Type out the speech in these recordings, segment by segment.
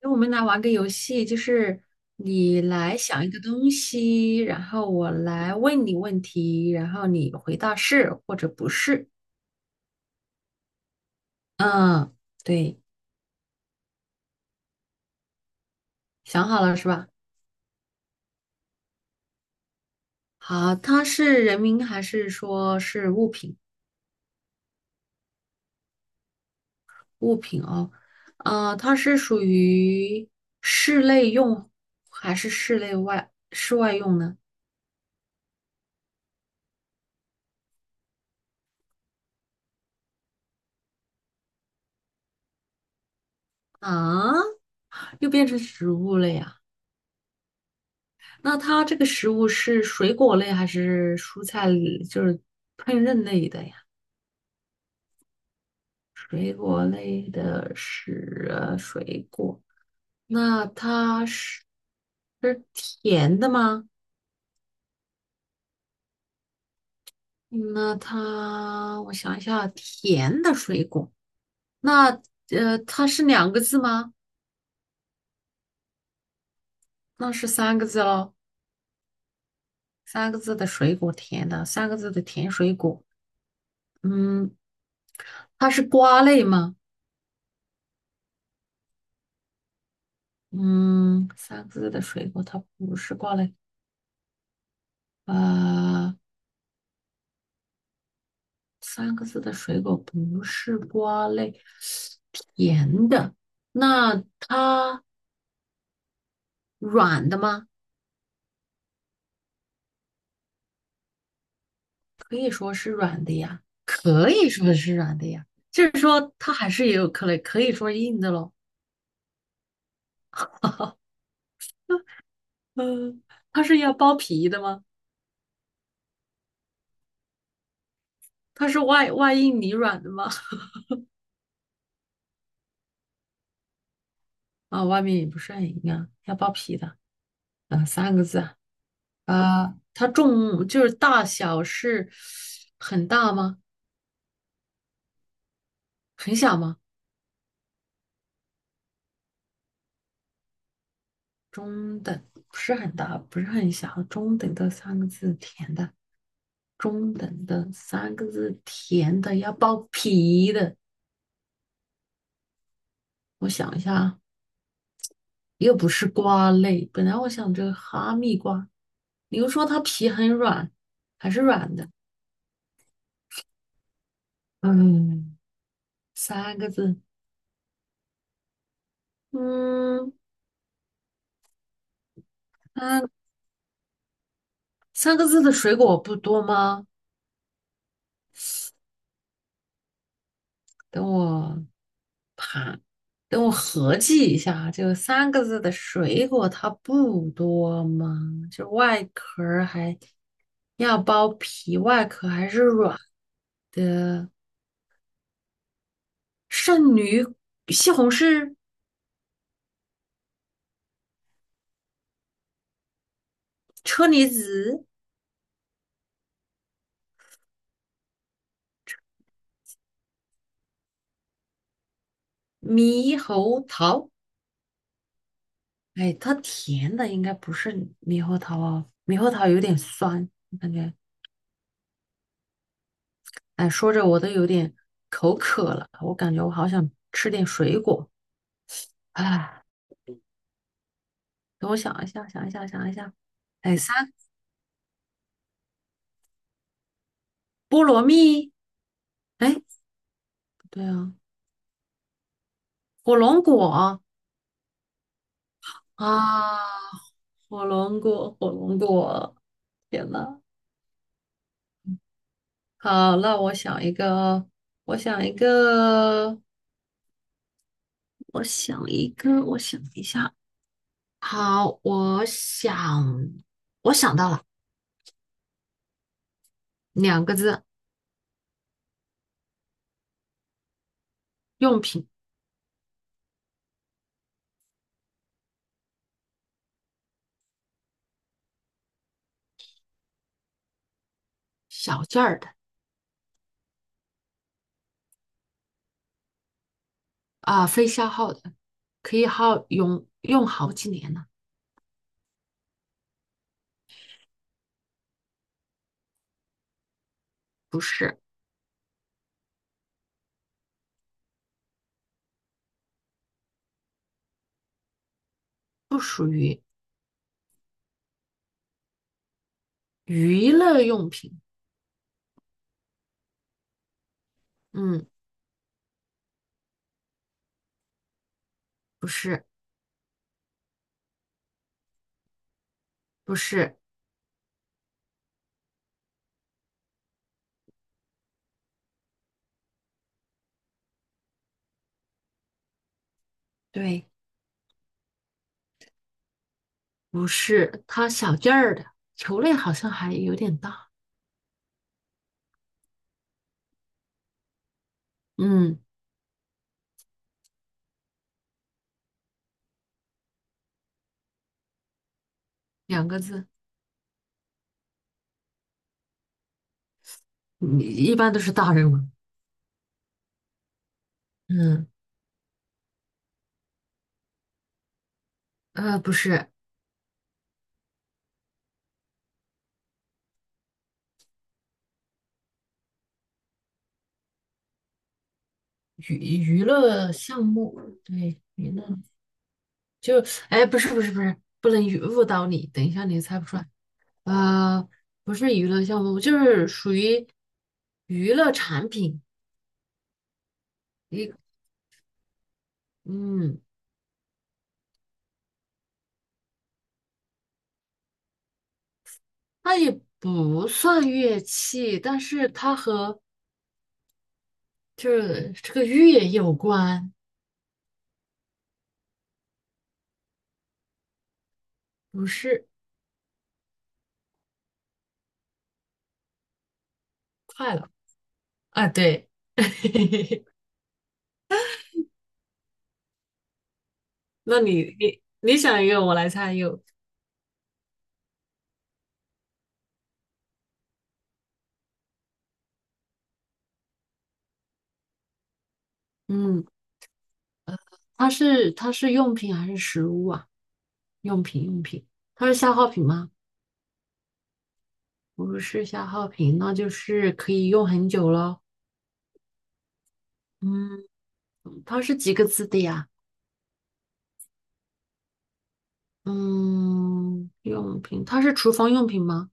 那我们来玩个游戏，你来想一个东西，然后我来问你问题，然后你回答是或者不是。嗯，对，想好了是吧？好，它是人名还是说是物品？物品哦，它是属于室内用还是室外用呢？啊，又变成植物了呀？那它这个食物是水果类还是蔬菜类，烹饪类的呀？水果类的是水果，那它是甜的吗？那它，我想一下，甜的水果，那它是两个字吗？那是三个字喽，三个字的水果，甜的，三个字的甜水果，嗯，它是瓜类吗？嗯，三个字的水果，它不是瓜类。呃，三个字的水果不是瓜类，甜的。那它软的吗？可以说是软的呀，可以说是软的呀。就是说，它还是也有可能可以说硬的咯。嗯，它是要剥皮的吗？它是外硬里软的吗？啊，外面也不是很硬啊，要剥皮的。啊，三个字啊。它重就是大小是很大吗？很小吗？中等，不是很大，不是很小，中等的三个字，甜的，中等的三个字，甜的，要包皮的。我想一下啊，又不是瓜类，本来我想着哈密瓜，你又说它皮很软，还是软的。嗯，三个字，嗯啊，三三个字的水果不多吗？等我。等我合计一下啊，这个三个字的水果它不多吗？就外壳儿还要剥皮，外壳还是软的。圣女、西红柿、车厘子、猕猴桃。哎，它甜的应该不是猕猴桃哦，猕猴桃有点酸，我感觉。哎，说着我都有点口渴了，我感觉我好想吃点水果。哎，等我想一下，想一下，想一下。哎，三菠萝蜜。哎，不对啊，火龙果啊，火龙果，火龙果，天呐，好，那我想一个，我想一个，我想一下。好，我想到了两个字，用品，小件儿的啊，非消耗的，可以耗用用好几年呢。不是，不属于娱乐用品。嗯，不是，不是，对。不是，它小件儿的，球类好像还有点大。嗯，两个字，你一般都是大人玩。嗯，不是娱娱乐项目，对，娱乐就，哎，不是，不能语误导你，等一下你猜不出来。呃，不是娱乐项目，就是属于娱乐产品。一，嗯，它也不算乐器，但是它和这个乐有关，不是，快了。啊，对，那你想一个，我来猜一个。嗯，它是用品还是食物啊？用品，它是消耗品吗？不是消耗品，那就是可以用很久咯。嗯，它是几个字的呀？嗯，用品，它是厨房用品吗？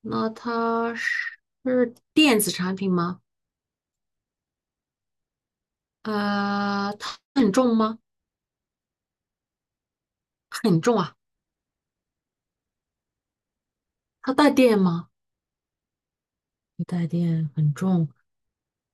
那它是是电子产品吗？它很重吗？很重啊，它带电吗？不带电，很重。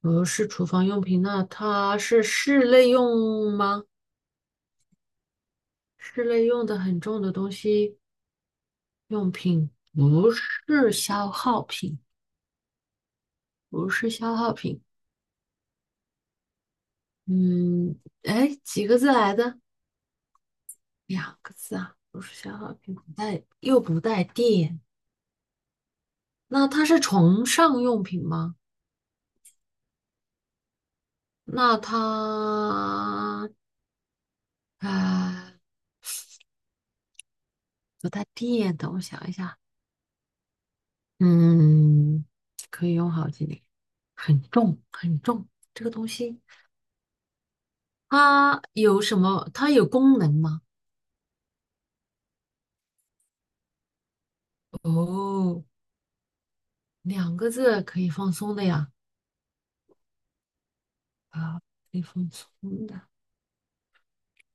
不是厨房用品，那它是室内用吗？室内用的很重的东西，用品不是消耗品，不是消耗品。嗯，哎，几个字来的？两个字啊，不是消耗品，不带，又不带电。那它是床上用品吗？那它啊，不带电。等我想一下。嗯，可以用好几年，很重，这个东西它有什么？它有功能吗？哦，两个字可以放松的呀，啊，可以放松的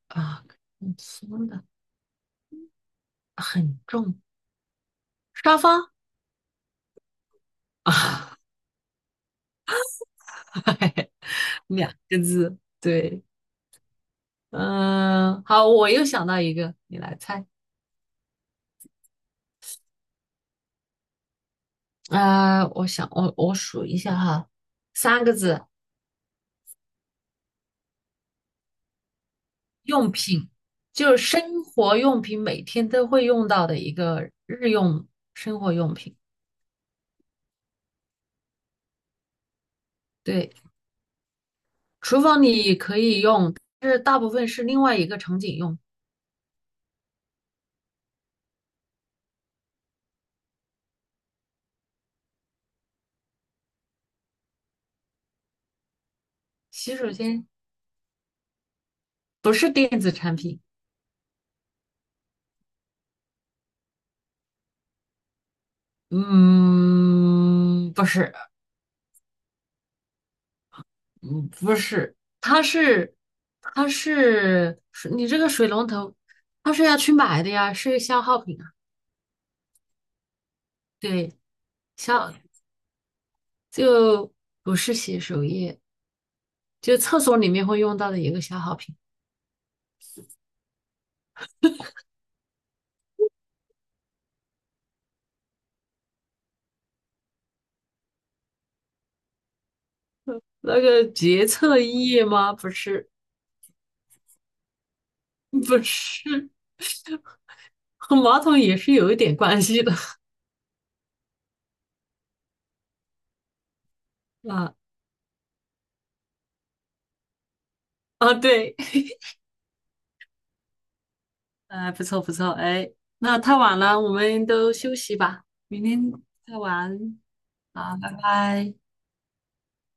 可以放松的，很重，沙发啊，两个字，对，嗯、好，我又想到一个，你来猜，我数一下哈，三个字，用品，就是生活用品，每天都会用到的一个生活用品。对，厨房里可以用，但是大部分是另外一个场景用。洗手间不是电子产品，嗯，不是，嗯，不是，它是，它是，你这个水龙头，它是要去买的呀，是消耗品啊。对，消就不是洗手液，就厕所里面会用到的一个消耗品。那个洁厕液吗？不是，不是，和马桶也是有一点关系的啊啊，对，哎，不错，哎，那太晚了，我们都休息吧，明天再玩，好，拜拜。